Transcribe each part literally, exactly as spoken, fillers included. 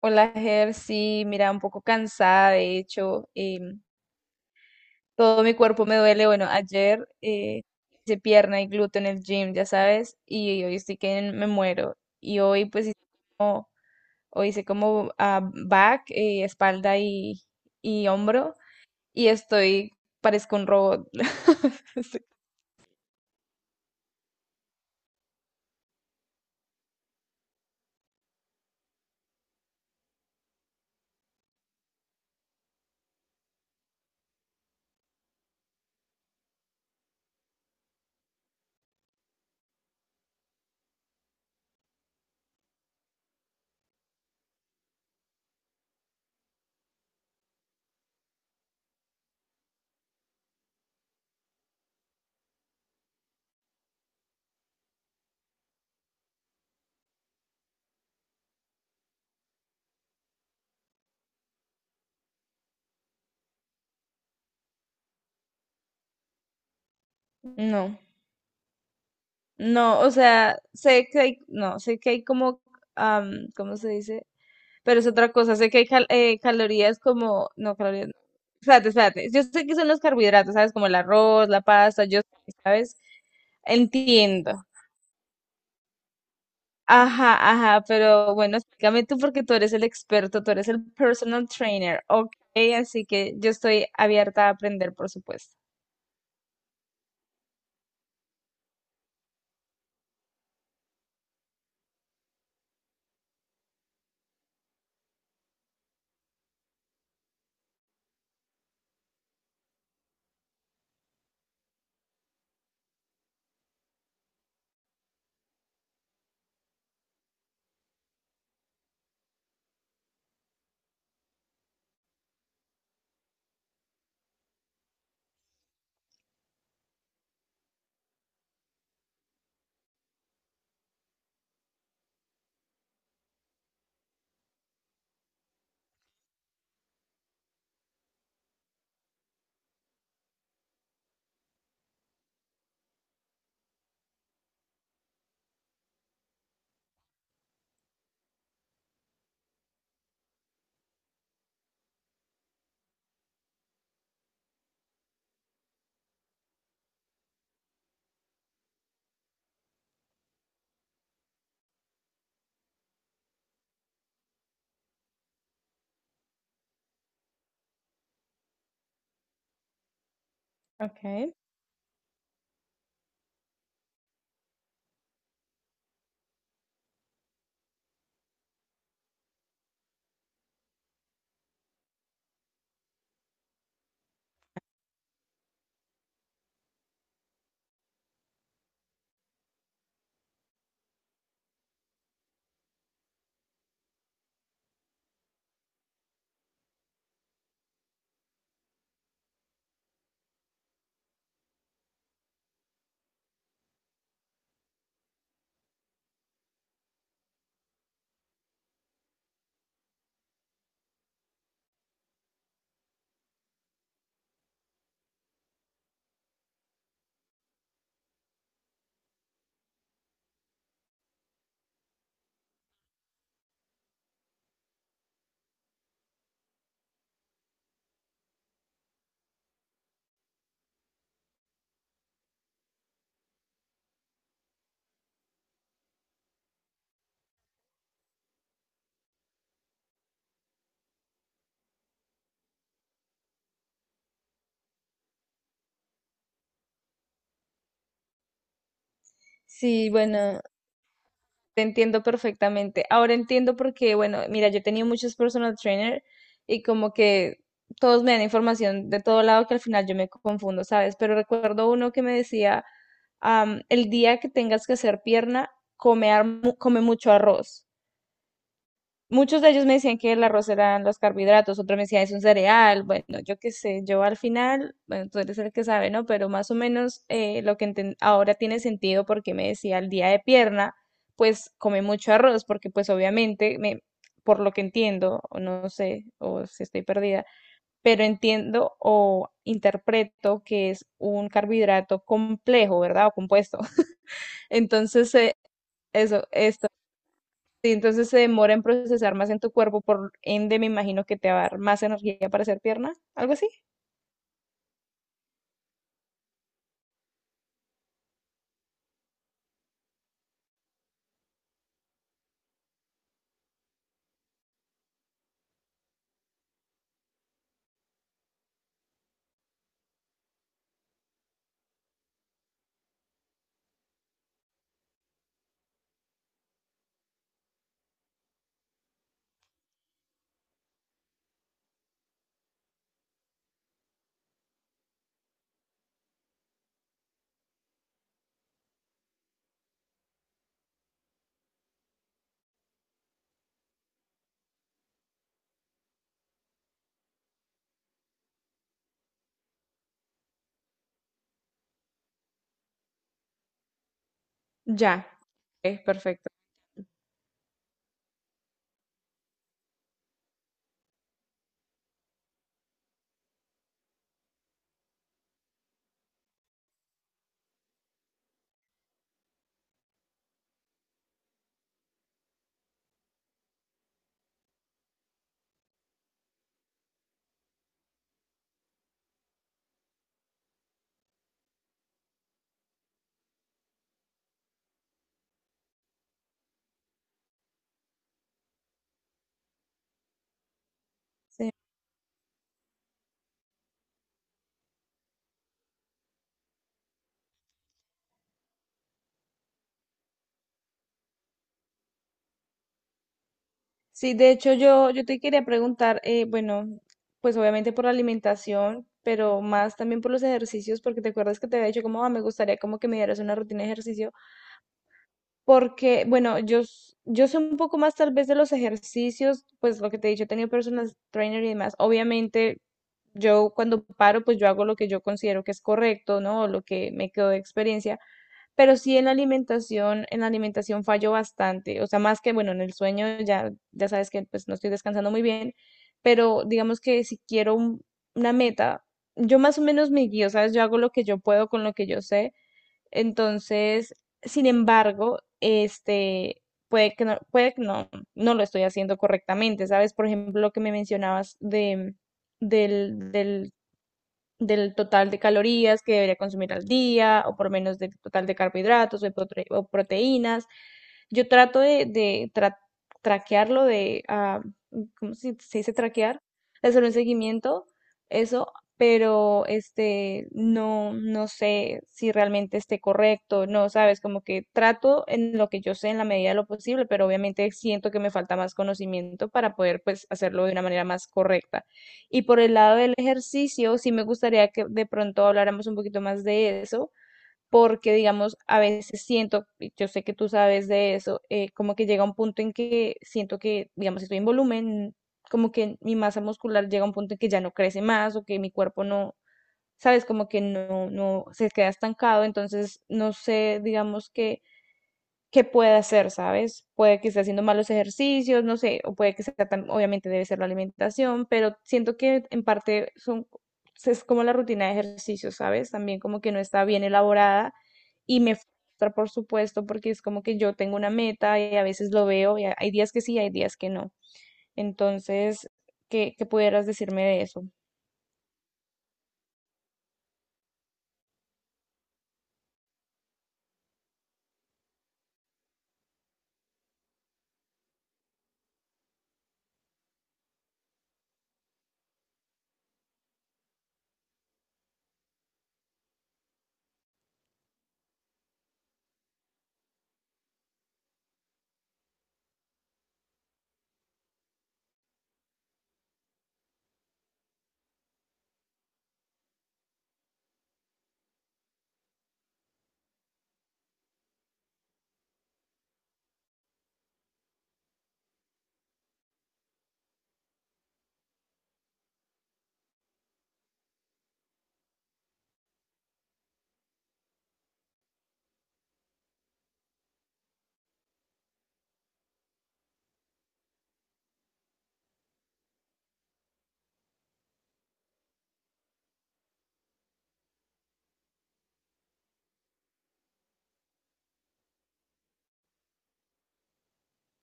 Hola, Ger, sí, mira, un poco cansada, de hecho, em, todo mi cuerpo me duele. Bueno, ayer eh, hice pierna y glúteo en el gym, ya sabes, y hoy estoy que me muero. Y hoy pues hice como, hoy hice como ah, back, eh, espalda y, y hombro, y estoy, parezco un robot. Estoy- No, no, o sea, sé que hay, no, sé que hay como, am, ¿cómo se dice? Pero es otra cosa. Sé que hay cal- eh, calorías como, no, calorías, no. Espérate, espérate. Yo sé que son los carbohidratos, ¿sabes? Como el arroz, la pasta, yo, ¿sabes? Entiendo. Ajá, ajá, pero bueno, explícame tú porque tú eres el experto, tú eres el personal trainer, ok, así que yo estoy abierta a aprender, por supuesto. Ok. Sí, bueno, te entiendo perfectamente. Ahora entiendo porque, bueno, mira, yo he tenido muchos personal trainer y como que todos me dan información de todo lado que al final yo me confundo, ¿sabes? Pero recuerdo uno que me decía, am, el día que tengas que hacer pierna, come, ar- mu- come mucho arroz. Muchos de ellos me decían que el arroz eran los carbohidratos, otros me decían es un cereal, bueno, yo qué sé, yo al final, bueno, tú eres el que sabe, ¿no? Pero más o menos eh, lo que enten- ahora tiene sentido porque me decía el día de pierna, pues come mucho arroz, porque pues obviamente, me, por lo que entiendo, o no sé, o si estoy perdida, pero entiendo o interpreto que es un carbohidrato complejo, ¿verdad? O compuesto. Entonces, eh, eso, sí, entonces se demora en procesar más en tu cuerpo, por ende me imagino que te va a dar más energía para hacer pierna, algo así. Ya, es perfecto. Sí, sí, de hecho yo, yo te quería preguntar, eh, bueno, pues obviamente por la alimentación, pero más también por los ejercicios, porque te acuerdas que te había dicho como, "Ah, me gustaría como que me dieras una rutina de ejercicio". Porque, bueno, yo, s- yo sé un poco más tal vez de los ejercicios, pues lo que te he dicho, he tenido personal trainer y demás. Obviamente, yo cuando paro, pues yo hago lo que yo considero que es correcto, ¿no? O lo que me quedó de experiencia. Pero sí en la alimentación, en la alimentación fallo bastante. O sea, más que, bueno, en el sueño ya, ya sabes que pues no estoy descansando muy bien, pero digamos que si quiero un- una meta, yo más o menos me guío, ¿sabes? Yo hago lo que yo puedo con lo que yo sé entonces, sin embargo, este, puede que no, puede que no, no lo estoy haciendo correctamente, ¿sabes? Por ejemplo, lo que me mencionabas de, del, del del total de calorías que debería consumir al día, o por menos del total de carbohidratos o, de prote- o proteínas. Yo trato de, de tra- traquearlo, de, ah, ¿cómo se, se dice traquear? De hacer un seguimiento, eso, pero este, no, no sé si realmente esté correcto, no, sabes, como que trato en lo que yo sé en la medida de lo posible, pero obviamente siento que me falta más conocimiento para poder, pues, hacerlo de una manera más correcta. Y por el lado del ejercicio, sí me gustaría que de pronto habláramos un poquito más de eso, porque digamos, a veces siento, y yo sé que tú sabes de eso, eh, como que llega un punto en que siento que, digamos, si estoy en volumen, como que mi masa muscular llega a un punto en que ya no crece más o que mi cuerpo no, sabes, como que no, no se queda estancado, entonces no sé, digamos que que puede hacer, ¿sabes? Puede que esté haciendo malos ejercicios, no sé, o puede que sea, tam- obviamente debe ser la alimentación, pero siento que en parte son, es como la rutina de ejercicios, ¿sabes? También como que no está bien elaborada y me frustra, por supuesto, porque es como que yo tengo una meta y a veces lo veo y a- hay días que sí, hay días que no. Entonces, ¿qué, qué pudieras decirme de eso?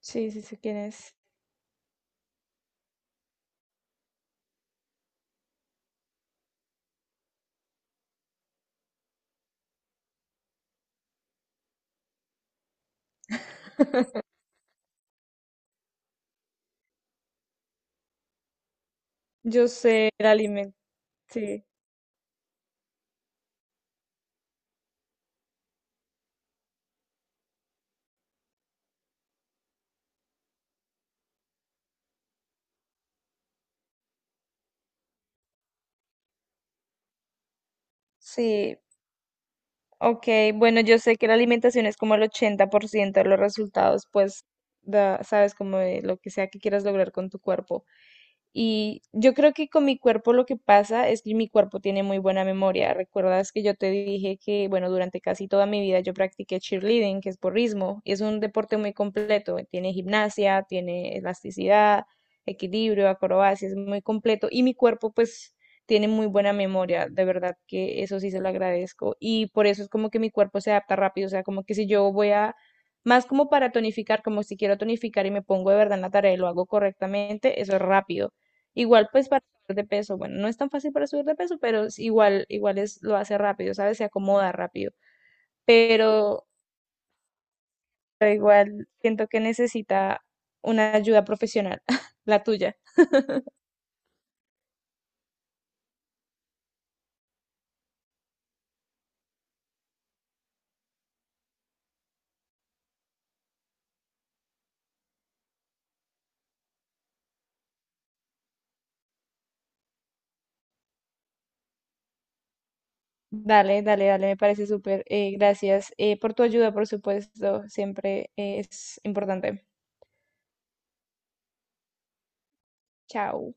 Sí, sí sé quién es. Yo sé el alimento, sí. Sí, ok, bueno, yo sé que la alimentación es como el ochenta por ciento de los resultados, pues, da- sabes, como de lo que sea que quieras lograr con tu cuerpo. Y yo creo que con mi cuerpo lo que pasa es que mi cuerpo tiene muy buena memoria. ¿Recuerdas que yo te dije que, bueno, durante casi toda mi vida yo practiqué cheerleading, que es porrismo, y es un deporte muy completo? Tiene gimnasia, tiene elasticidad, equilibrio, acrobacia, es muy completo. Y mi cuerpo, pues, tiene muy buena memoria, de verdad que eso sí se lo agradezco. Y por eso es como que mi cuerpo se adapta rápido, o sea, como que si yo voy a, más como para tonificar, como si quiero tonificar y me pongo de verdad en la tarea y lo hago correctamente, eso es rápido. Igual pues para subir de peso, bueno, no es tan fácil para subir de peso, pero es igual, igual es, lo hace rápido, ¿sabes? Se acomoda rápido. Pero, pero igual siento que necesita una ayuda profesional, la tuya. Dale, dale, dale, me parece súper. Eh, gracias eh, por tu ayuda, por supuesto, siempre eh, es importante. Chao.